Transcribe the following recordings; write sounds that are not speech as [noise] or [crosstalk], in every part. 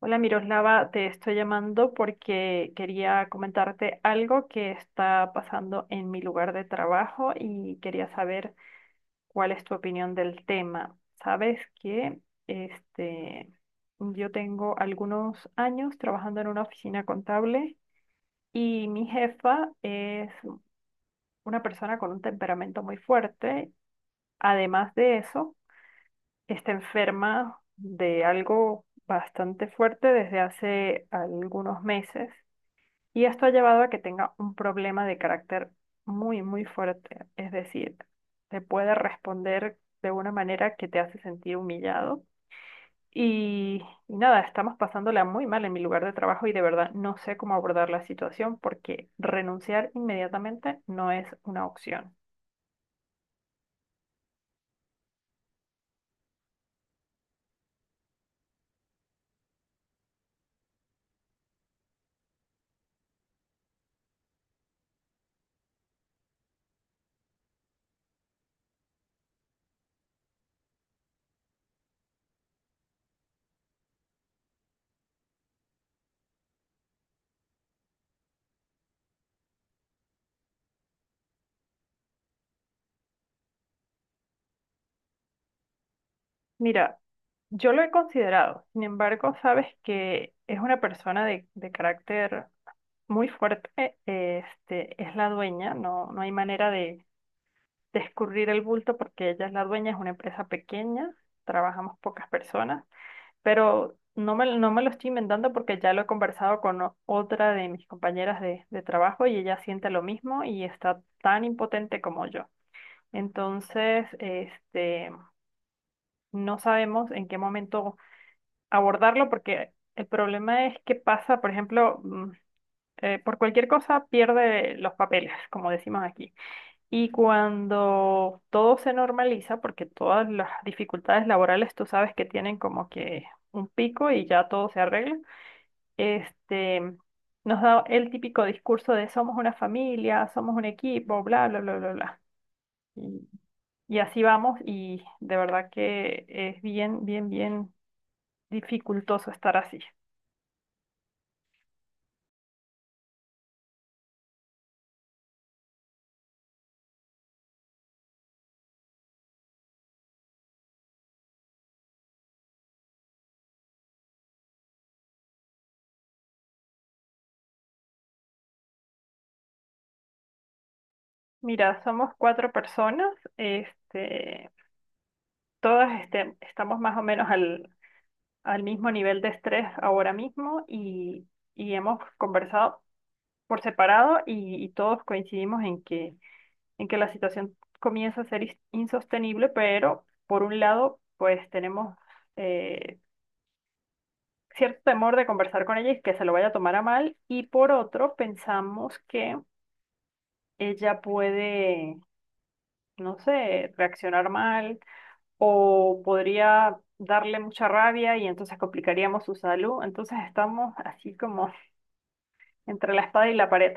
Hola Miroslava, te estoy llamando porque quería comentarte algo que está pasando en mi lugar de trabajo y quería saber cuál es tu opinión del tema. Sabes que este, yo tengo algunos años trabajando en una oficina contable y mi jefa es una persona con un temperamento muy fuerte. Además de eso, está enferma de algo bastante fuerte desde hace algunos meses. Y esto ha llevado a que tenga un problema de carácter muy, muy fuerte. Es decir, te puede responder de una manera que te hace sentir humillado. Y, y nada, estamos pasándola muy mal en mi lugar de trabajo y de verdad no sé cómo abordar la situación porque renunciar inmediatamente no es una opción. Mira, yo lo he considerado, sin embargo, sabes que es una persona de carácter muy fuerte, es la dueña, no, no hay manera de escurrir el bulto porque ella es la dueña, es una empresa pequeña, trabajamos pocas personas, pero no me lo estoy inventando porque ya lo he conversado con otra de mis compañeras de trabajo y ella siente lo mismo y está tan impotente como yo. Entonces, no sabemos en qué momento abordarlo porque el problema es que pasa, por ejemplo, por cualquier cosa pierde los papeles, como decimos aquí. Y cuando todo se normaliza, porque todas las dificultades laborales tú sabes que tienen como que un pico y ya todo se arregla, este, nos da el típico discurso de somos una familia, somos un equipo, bla, bla, bla, bla, bla. Y, y así vamos y de verdad que es bien, bien, bien dificultoso estar así. Mira, somos cuatro personas, todas estamos más o menos al mismo nivel de estrés ahora mismo y hemos conversado por separado y todos coincidimos en en que la situación comienza a ser insostenible, pero por un lado, pues tenemos eh, cierto temor de conversar con ella y que se lo vaya a tomar a mal, y por otro, pensamos que ella puede, no sé, reaccionar mal o podría darle mucha rabia y entonces complicaríamos su salud. Entonces estamos así como entre la espada y la pared.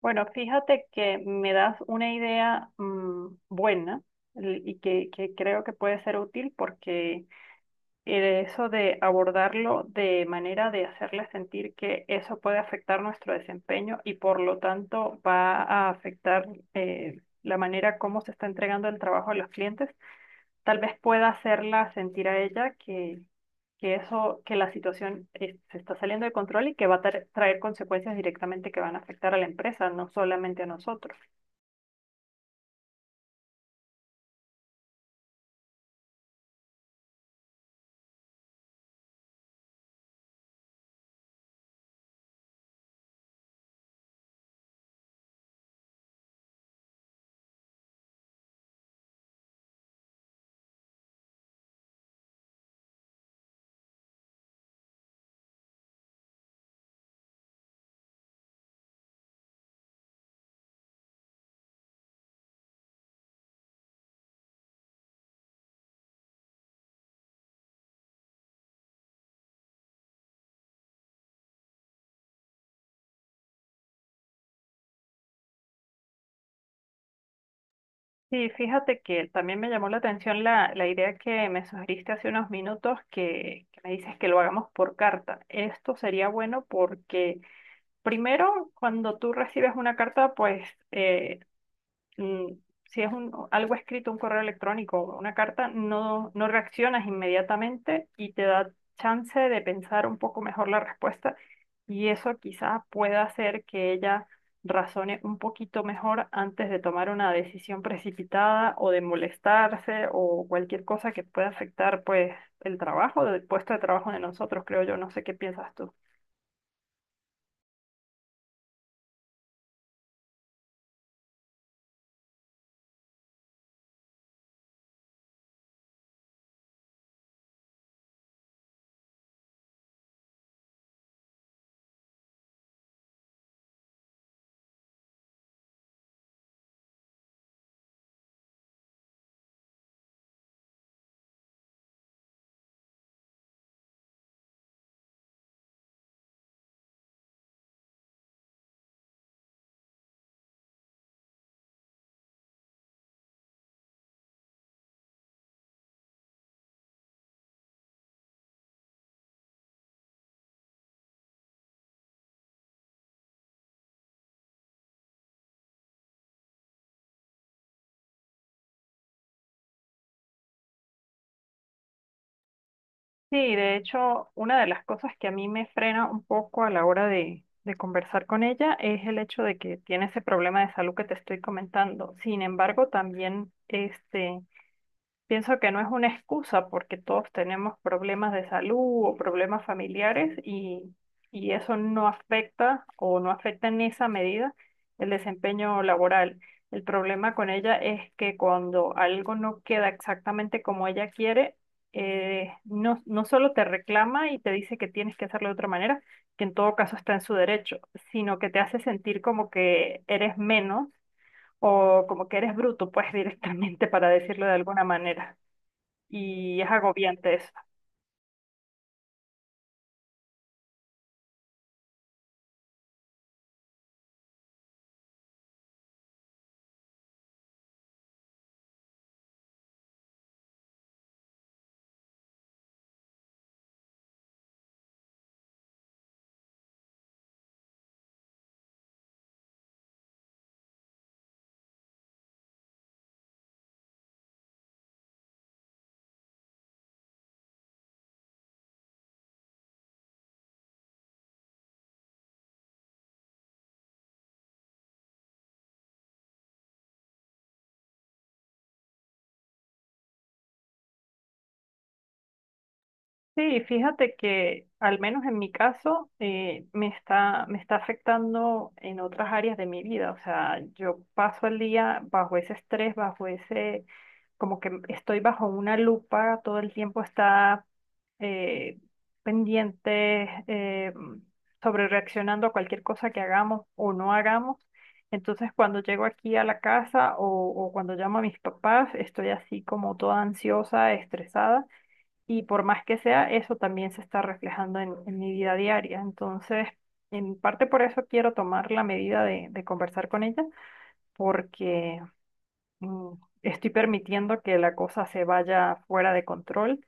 Bueno, fíjate que me das una idea buena y que creo que puede ser útil porque eso de abordarlo de manera de hacerle sentir que eso puede afectar nuestro desempeño y por lo tanto va a afectar la manera como se está entregando el trabajo a los clientes, tal vez pueda hacerla sentir a ella que eso, que la situación se está saliendo de control y que va a traer consecuencias directamente que van a afectar a la empresa, no solamente a nosotros. Sí, fíjate que también me llamó la atención la idea que me sugeriste hace unos minutos, que me dices que lo hagamos por carta. Esto sería bueno porque primero, cuando tú recibes una carta, pues eh, mm, si es un, algo escrito, un correo electrónico o una carta, no, no reaccionas inmediatamente y te da chance de pensar un poco mejor la respuesta y eso quizás pueda hacer que ella razone un poquito mejor antes de tomar una decisión precipitada o de molestarse o cualquier cosa que pueda afectar pues el trabajo, el puesto de trabajo de nosotros, creo yo, no sé qué piensas tú. Sí, de hecho, una de las cosas que a mí me frena un poco a la hora de conversar con ella es el hecho de que tiene ese problema de salud que te estoy comentando. Sin embargo, también pienso que no es una excusa porque todos tenemos problemas de salud o problemas familiares y eso no afecta o no afecta en esa medida el desempeño laboral. El problema con ella es que cuando algo no queda exactamente como ella quiere, no, no solo te reclama y te dice que tienes que hacerlo de otra manera, que en todo caso está en su derecho, sino que te hace sentir como que eres menos o como que eres bruto, pues [laughs] directamente para decirlo de alguna manera y es agobiante eso. Sí, fíjate que al menos en mi caso me está afectando en otras áreas de mi vida. O sea, yo paso el día bajo ese estrés, bajo ese, como que estoy bajo una lupa, todo el tiempo está eh, pendiente, sobre reaccionando a cualquier cosa que hagamos o no hagamos. Entonces, cuando llego aquí a la casa o cuando llamo a mis papás, estoy así como toda ansiosa, estresada. Y por más que sea, eso también se está reflejando en mi vida diaria. Entonces, en parte por eso quiero tomar la medida de conversar con ella, porque mm, estoy permitiendo que la cosa se vaya fuera de control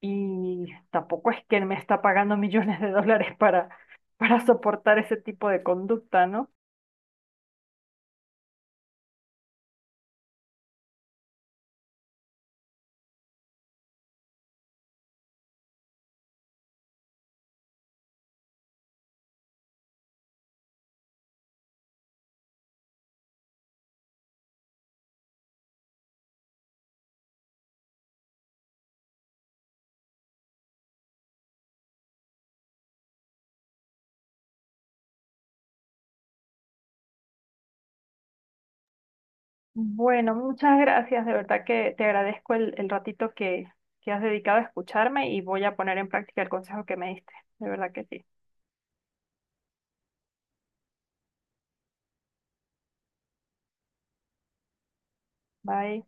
y tampoco es que me está pagando [laughs] millones de dólares para soportar ese tipo de conducta, ¿no? Bueno, muchas gracias. De verdad que te agradezco el ratito que has dedicado a escucharme y voy a poner en práctica el consejo que me diste. De verdad que sí. Bye.